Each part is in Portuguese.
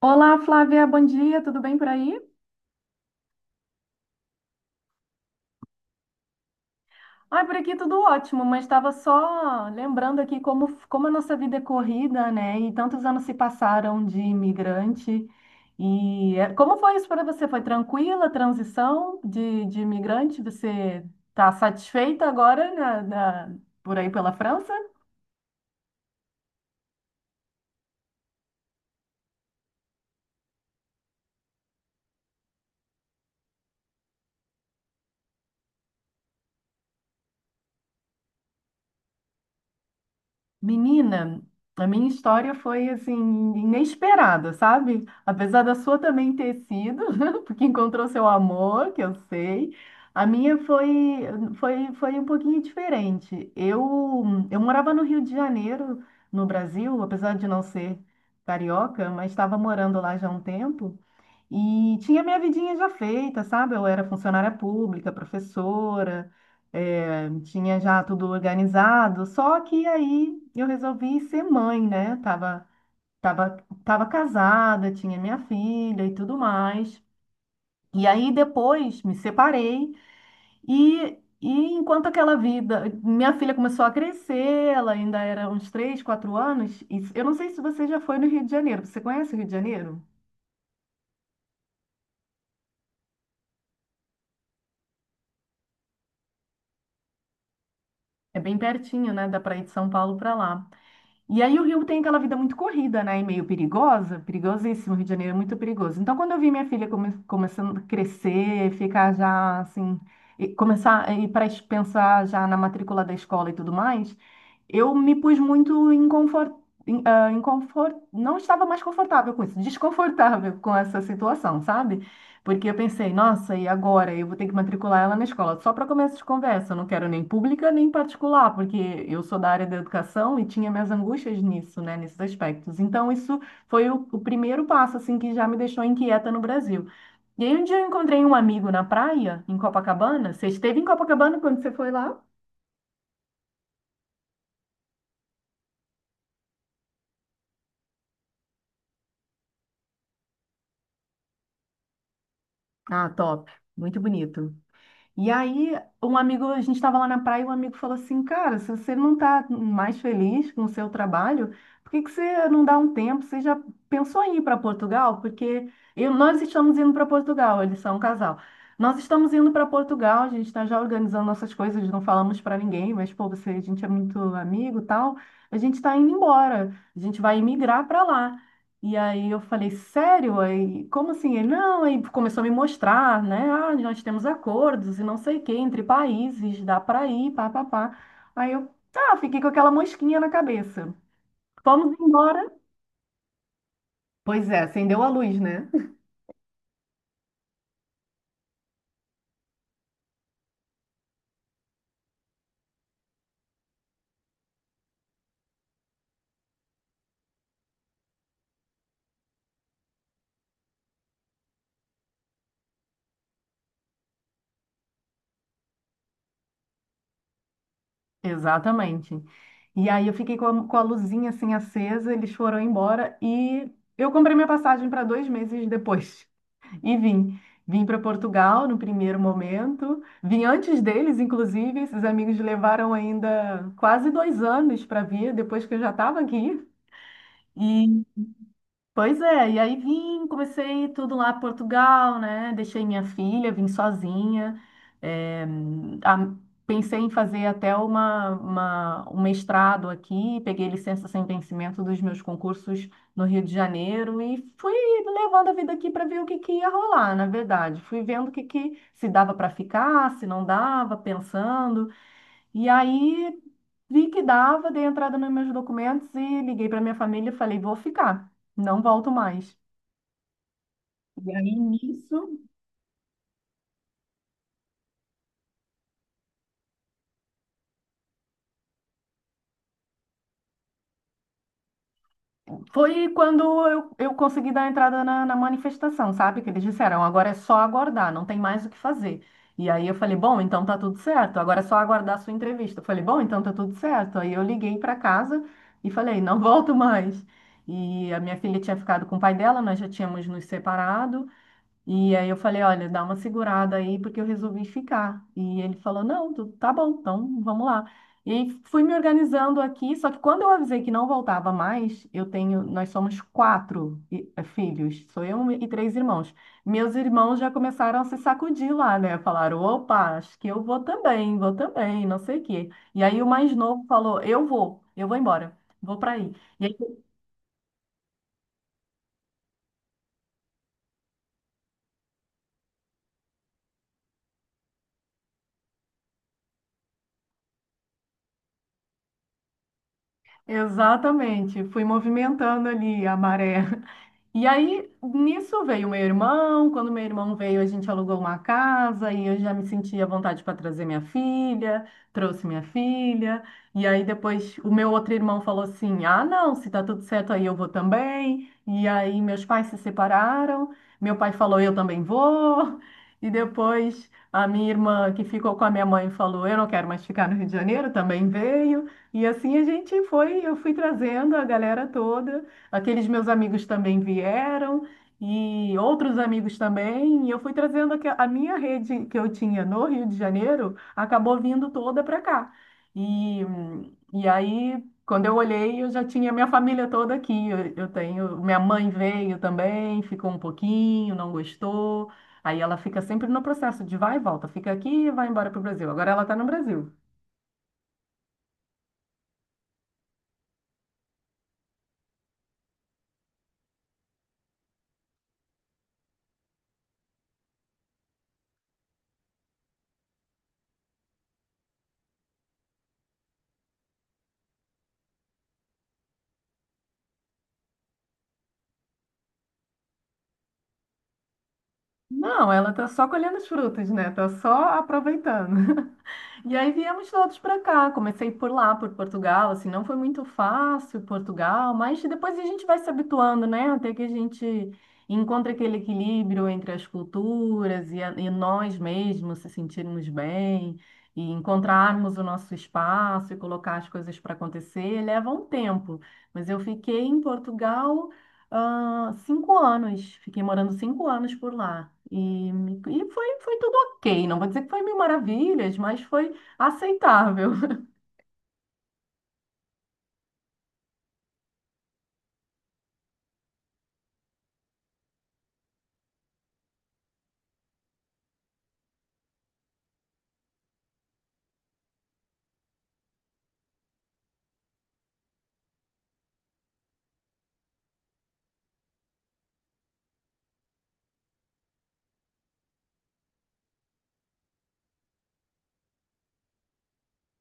Olá, Flávia, bom dia, tudo bem por aí? Ai, por aqui tudo ótimo, mas estava só lembrando aqui como a nossa vida é corrida, né? E tantos anos se passaram de imigrante. E é, como foi isso para você? Foi tranquila a transição de imigrante? Você está satisfeita agora por aí pela França? Menina, a minha história foi assim inesperada, sabe? Apesar da sua também ter sido, porque encontrou seu amor, que eu sei. A minha foi um pouquinho diferente. Eu morava no Rio de Janeiro, no Brasil, apesar de não ser carioca, mas estava morando lá já há um tempo. E tinha minha vidinha já feita, sabe? Eu era funcionária pública, professora, tinha já tudo organizado. Só que aí eu resolvi ser mãe, né? Tava, tava casada, tinha minha filha e tudo mais. E aí depois me separei e enquanto aquela vida, minha filha começou a crescer, ela ainda era uns 3, 4 anos. E eu não sei se você já foi no Rio de Janeiro. Você conhece o Rio de Janeiro? É bem pertinho, né? Dá para ir de São Paulo para lá. E aí o Rio tem aquela vida muito corrida, né? E meio perigosa, perigosíssimo. O Rio de Janeiro é muito perigoso. Então, quando eu vi minha filha começando a crescer, ficar já assim, e começar a ir para pensar já na matrícula da escola e tudo mais, eu me pus muito em confort, em não estava mais confortável com isso, desconfortável com essa situação, sabe? Porque eu pensei, nossa, e agora? Eu vou ter que matricular ela na escola. Só para começo de conversa, eu não quero nem pública nem particular, porque eu sou da área da educação e tinha minhas angústias nisso, né, nesses aspectos. Então, isso foi o primeiro passo, assim, que já me deixou inquieta no Brasil. E aí, um dia eu encontrei um amigo na praia, em Copacabana. Você esteve em Copacabana quando você foi lá? Ah, top. Muito bonito. E aí, um amigo, a gente estava lá na praia e um amigo falou assim: Cara, se você não está mais feliz com o seu trabalho, por que que você não dá um tempo? Você já pensou em ir para Portugal? Porque nós estamos indo para Portugal, eles são um casal. Nós estamos indo para Portugal, a gente está já organizando nossas coisas, não falamos para ninguém, mas pô, você, a gente é muito amigo e tal. A gente está indo embora, a gente vai emigrar para lá. E aí eu falei, sério? Aí, como assim? Ele, não, aí começou a me mostrar, né? Ah, nós temos acordos e não sei o quê, entre países, dá para ir, pá, pá, pá. Aí eu, tá, fiquei com aquela mosquinha na cabeça. Vamos embora. Pois é, acendeu a luz, né? Exatamente. E aí eu fiquei com a luzinha assim acesa, eles foram embora e eu comprei minha passagem para 2 meses depois. E vim. Vim para Portugal no primeiro momento. Vim antes deles, inclusive. Esses amigos levaram ainda quase 2 anos para vir, depois que eu já estava aqui. Pois é, e aí vim, comecei tudo lá em Portugal, né? Deixei minha filha, vim sozinha. eh, a- Pensei em fazer até uma, um mestrado aqui, peguei licença sem vencimento dos meus concursos no Rio de Janeiro e fui levando a vida aqui para ver o que ia rolar, na verdade. Fui vendo o que se dava para ficar, se não dava, pensando. E aí vi que dava, dei entrada nos meus documentos e liguei para minha família e falei, vou ficar, não volto mais. E aí nisso foi quando eu consegui dar entrada na manifestação, sabe? Que eles disseram, agora é só aguardar, não tem mais o que fazer. E aí eu falei, bom, então tá tudo certo, agora é só aguardar a sua entrevista. Eu falei, bom, então tá tudo certo. Aí eu liguei para casa e falei, não volto mais. E a minha filha tinha ficado com o pai dela, nós já tínhamos nos separado. E aí eu falei, olha, dá uma segurada aí, porque eu resolvi ficar. E ele falou, não, tá bom, então vamos lá. E aí fui me organizando aqui, só que quando eu avisei que não voltava mais, eu tenho, nós somos quatro filhos, sou eu e três irmãos. Meus irmãos já começaram a se sacudir lá, né? Falaram, opa, acho que eu vou também, não sei o quê. E aí o mais novo falou, eu vou embora, vou para aí. E aí, exatamente, fui movimentando ali a maré. E aí, nisso veio meu irmão. Quando meu irmão veio, a gente alugou uma casa e eu já me sentia à vontade para trazer minha filha, trouxe minha filha. E aí, depois, o meu outro irmão falou assim: Ah, não, se tá tudo certo aí, eu vou também. E aí, meus pais se separaram. Meu pai falou: Eu também vou. E depois, a minha irmã, que ficou com a minha mãe, falou: Eu não quero mais ficar no Rio de Janeiro, também veio. E assim a gente foi, eu fui trazendo a galera toda. Aqueles meus amigos também vieram e outros amigos também. E eu fui trazendo a minha rede que eu tinha no Rio de Janeiro, acabou vindo toda para cá. E, e aí, quando eu olhei, eu já tinha minha família toda aqui. Eu tenho, minha mãe veio também, ficou um pouquinho, não gostou. Aí ela fica sempre no processo de vai e volta, fica aqui e vai embora para o Brasil. Agora ela está no Brasil. Não, ela está só colhendo os frutos, né? Está só aproveitando. E aí viemos todos para cá. Comecei por lá, por Portugal, assim, não foi muito fácil Portugal, mas depois a gente vai se habituando, né? Até que a gente encontra aquele equilíbrio entre as culturas e nós mesmos se sentirmos bem e encontrarmos o nosso espaço e colocar as coisas para acontecer. Leva um tempo, mas eu fiquei em Portugal, 5 anos. Fiquei morando 5 anos por lá. E foi tudo ok. Não vou dizer que foi mil maravilhas, mas foi aceitável.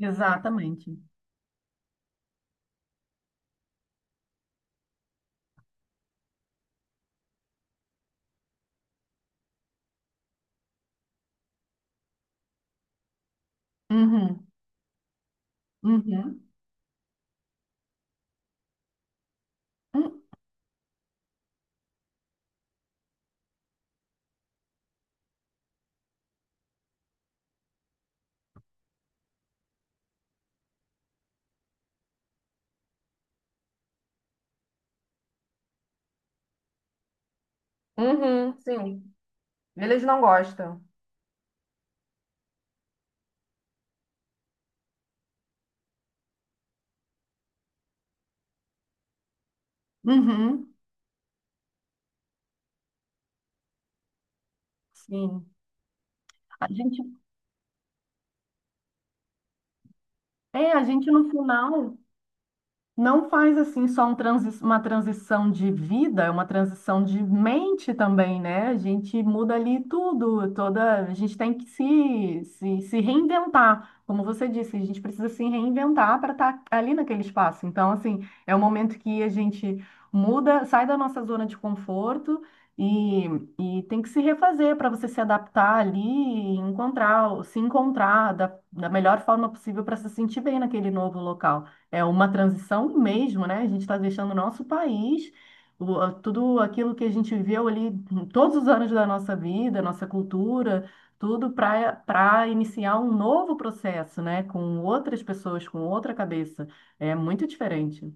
Exatamente. Uhum. Uhum. Hum. Uhum, sim. Eles não gostam. Uhum. Sim. A gente, a gente no final não faz assim só um uma transição de vida, é uma transição de mente também, né? A gente muda ali tudo, toda, a gente tem que se reinventar. Como você disse, a gente precisa se reinventar para estar ali naquele espaço. Então, assim, é o momento que a gente muda, sai da nossa zona de conforto e, e tem que se refazer para você se adaptar ali e encontrar, se encontrar da melhor forma possível para se sentir bem naquele novo local. É uma transição mesmo, né? A gente está deixando o nosso país, tudo aquilo que a gente viveu ali todos os anos da nossa vida, nossa cultura, tudo para iniciar um novo processo, né? Com outras pessoas, com outra cabeça. É muito diferente.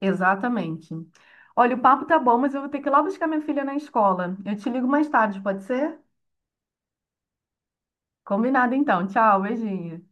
Exatamente. Olha, o papo tá bom, mas eu vou ter que ir lá buscar minha filha na escola. Eu te ligo mais tarde, pode ser? Combinado então. Tchau, beijinho.